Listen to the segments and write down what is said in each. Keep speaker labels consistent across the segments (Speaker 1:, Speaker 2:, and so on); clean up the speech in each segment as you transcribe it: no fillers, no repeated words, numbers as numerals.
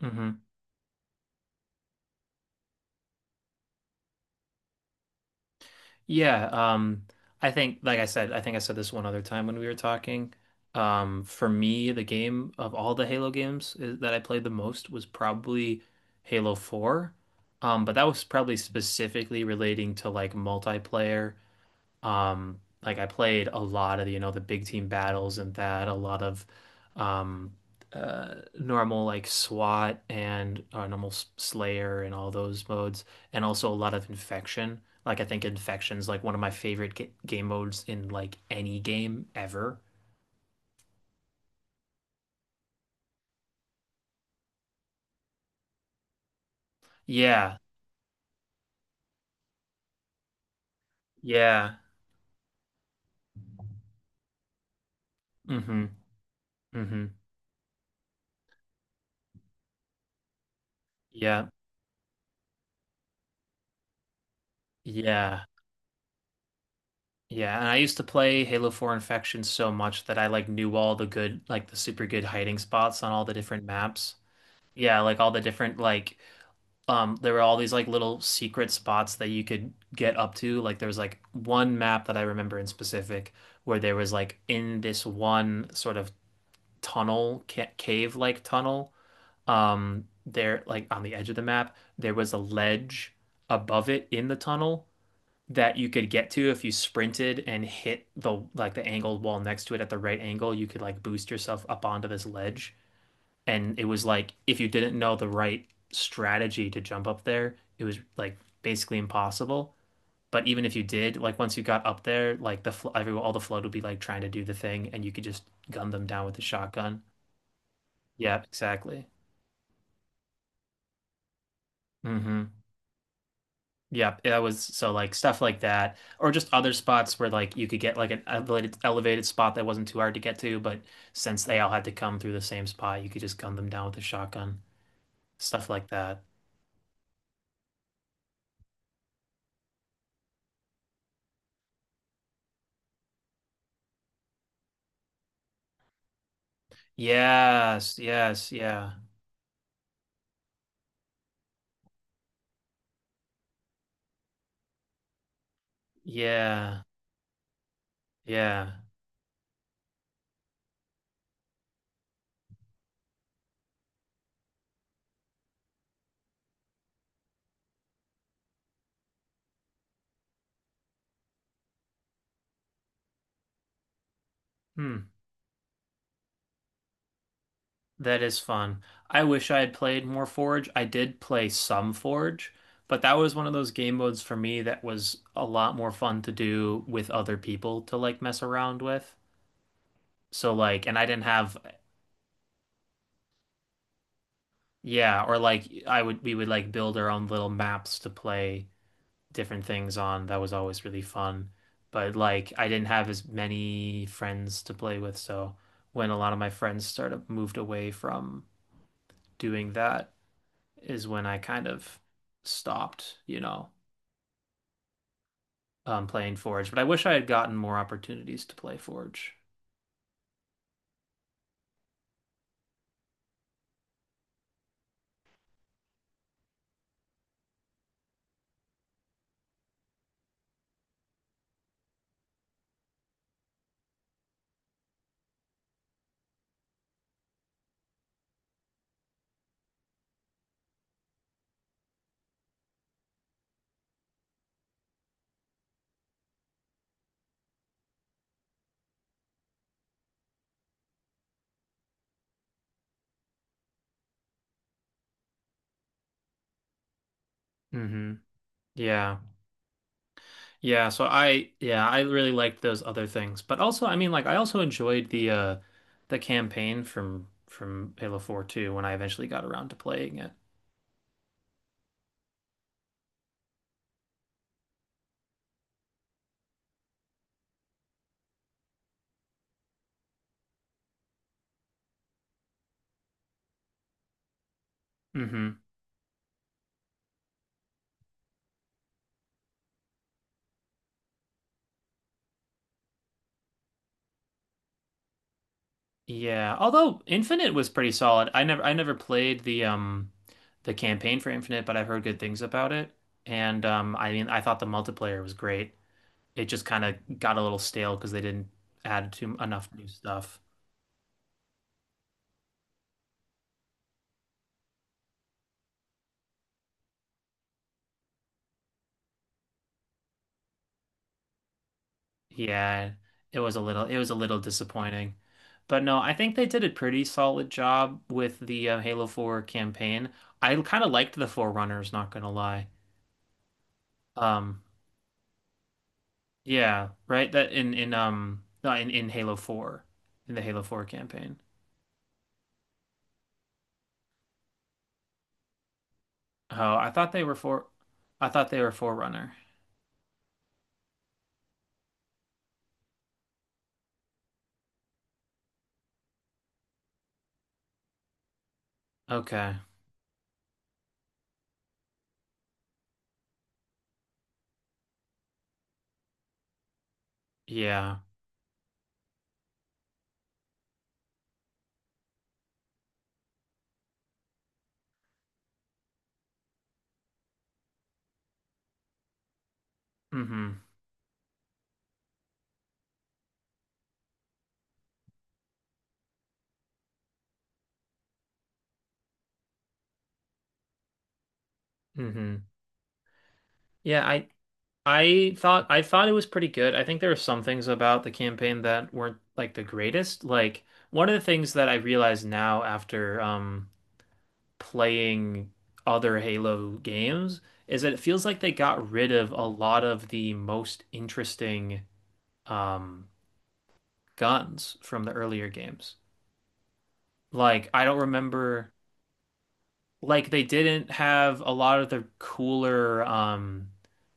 Speaker 1: hmm Yeah, I think, like I said, I think I said this one other time when we were talking. For me, the game of all the Halo games that I played the most was probably Halo 4. But that was probably specifically relating to like multiplayer. Like I played a lot of, you know, the big team battles and that, a lot of um normal like SWAT and normal Slayer and all those modes, and also a lot of Infection. Like I think Infection's like one of my favorite ga game modes in like any game ever. Yeah. Yeah. Mm-hmm. Mm-hmm. Yeah. Yeah. Yeah, and I used to play Halo 4 Infection so much that I like knew all the good, like the super good hiding spots on all the different maps. Yeah, like all the different there were all these like little secret spots that you could get up to. Like there was like one map that I remember in specific where there was like in this one sort of tunnel ca cave-like tunnel. There like on the edge of the map there was a ledge above it in the tunnel that you could get to if you sprinted and hit the like the angled wall next to it at the right angle. You could like boost yourself up onto this ledge. And it was like if you didn't know the right strategy to jump up there, it was like basically impossible. But even if you did, like once you got up there, like the fl every all the flood would be like trying to do the thing, and you could just gun them down with the shotgun. Yeah, exactly. Mm-hmm. Yep, that was, so like stuff like that, or just other spots where like you could get like an elevated spot that wasn't too hard to get to, but since they all had to come through the same spot, you could just gun them down with a shotgun, stuff like that. Yes, yes, yeah. Yeah, yeah. Hmm. That is fun. I wish I had played more Forge. I did play some Forge, but that was one of those game modes for me that was a lot more fun to do with other people to like mess around with. So like, and I didn't have, yeah, or like I would, we would like build our own little maps to play different things on. That was always really fun. But like I didn't have as many friends to play with, so when a lot of my friends started moved away from doing that is when I kind of stopped, you know, playing Forge. But I wish I had gotten more opportunities to play Forge. hmm Yeah. Yeah. Yeah, I really liked those other things. But also, I mean, like, I also enjoyed the campaign from Halo 4 too when I eventually got around to playing it. hmm Yeah. Although Infinite was pretty solid. I never played the campaign for Infinite, but I've heard good things about it. And, I mean, I thought the multiplayer was great. It just kind of got a little stale because they didn't add too enough new stuff. Yeah, it was a little, disappointing. But no, I think they did a pretty solid job with the Halo 4 campaign. I kind of liked the Forerunners, not gonna lie. Um, yeah, right? That in no, in Halo 4, in the Halo 4 campaign. Oh, I thought they were for I thought they were Forerunner. Okay. Yeah. Mm-hmm. Mm-hmm. Yeah, I thought, it was pretty good. I think there were some things about the campaign that weren't like the greatest. Like one of the things that I realize now after playing other Halo games is that it feels like they got rid of a lot of the most interesting um guns from the earlier games. Like I don't remember, like they didn't have a lot of the cooler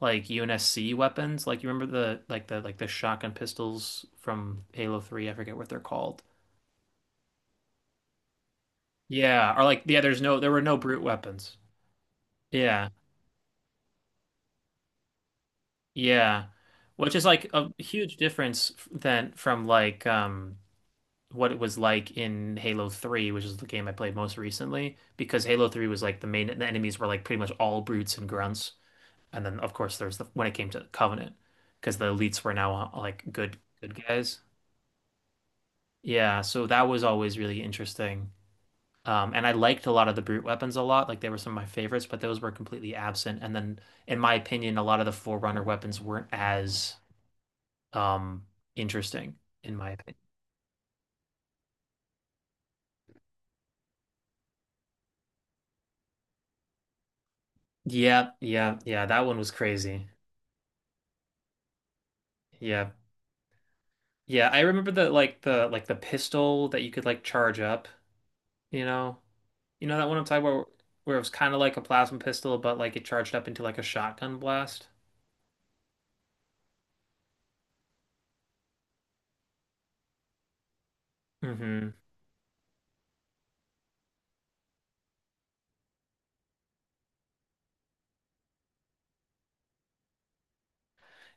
Speaker 1: like UNSC weapons. Like you remember the like the shotgun pistols from Halo 3, I forget what they're called. Yeah, or like yeah, there's no, there were no brute weapons. Yeah. Yeah. Which is like a huge difference than from like what it was like in Halo 3, which is the game I played most recently, because Halo 3 was like the enemies were like pretty much all brutes and grunts. And then of course there's the, when it came to Covenant, because the elites were now like good, guys. Yeah, so that was always really interesting. And I liked a lot of the brute weapons a lot. Like they were some of my favorites, but those were completely absent. And then, in my opinion, a lot of the Forerunner weapons weren't as um, interesting, in my opinion. Yeah, yeah, yeah. That one was crazy. Yeah, yeah. I remember the like the pistol that you could like charge up. You know, you know that one I'm talking about, where it was kind of like a plasma pistol, but like it charged up into like a shotgun blast. hmm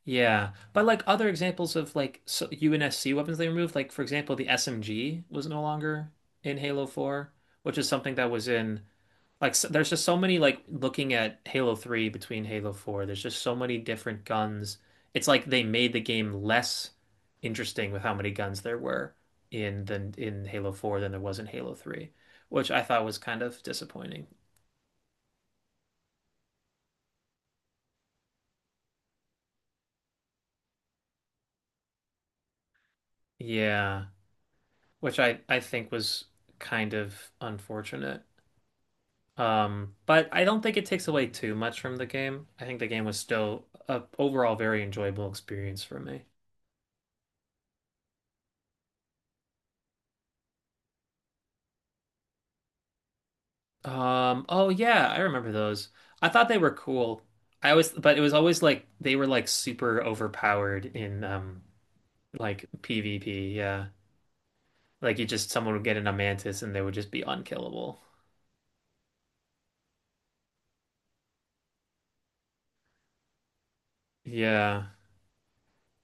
Speaker 1: Yeah, but like other examples of like so UNSC weapons they removed, like for example, the SMG was no longer in Halo 4, which is something that was in. Like so, there's just so many, like looking at Halo 3 between Halo 4, there's just so many different guns. It's like they made the game less interesting with how many guns there were in than in Halo 4 than there was in Halo 3, which I thought was kind of disappointing. Yeah, which I think was kind of unfortunate. But I don't think it takes away too much from the game. I think the game was still a overall very enjoyable experience for me. Oh yeah, I remember those. I thought they were cool. I always, but it was always like they were like super overpowered in like PvP, yeah. Like you just, someone would get in a mantis and they would just be unkillable. Yeah.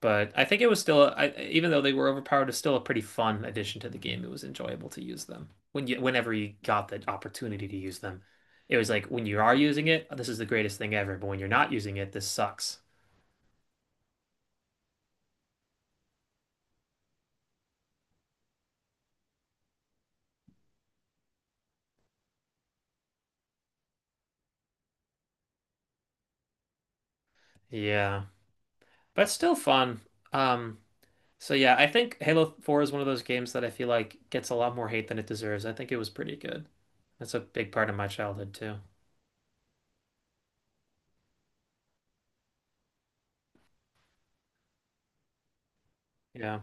Speaker 1: But I think it was still, even though they were overpowered, it's still a pretty fun addition to the game. It was enjoyable to use them. Whenever you got the opportunity to use them. It was like when you are using it, this is the greatest thing ever, but when you're not using it, this sucks. Yeah. But still fun. Um So yeah, I think Halo 4 is one of those games that I feel like gets a lot more hate than it deserves. I think it was pretty good. That's a big part of my childhood too. Yeah.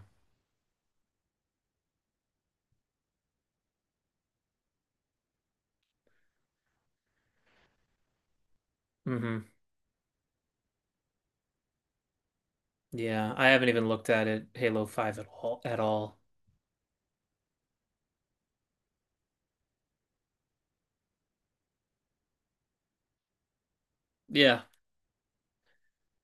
Speaker 1: hmm Yeah, I haven't even looked at it, Halo 5 at all. Yeah.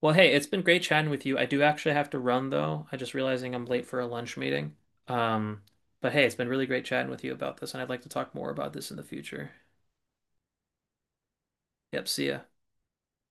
Speaker 1: Well, hey, it's been great chatting with you. I do actually have to run though. I just realizing I'm late for a lunch meeting. Um, but hey, it's been really great chatting with you about this, and I'd like to talk more about this in the future. Yep, see ya.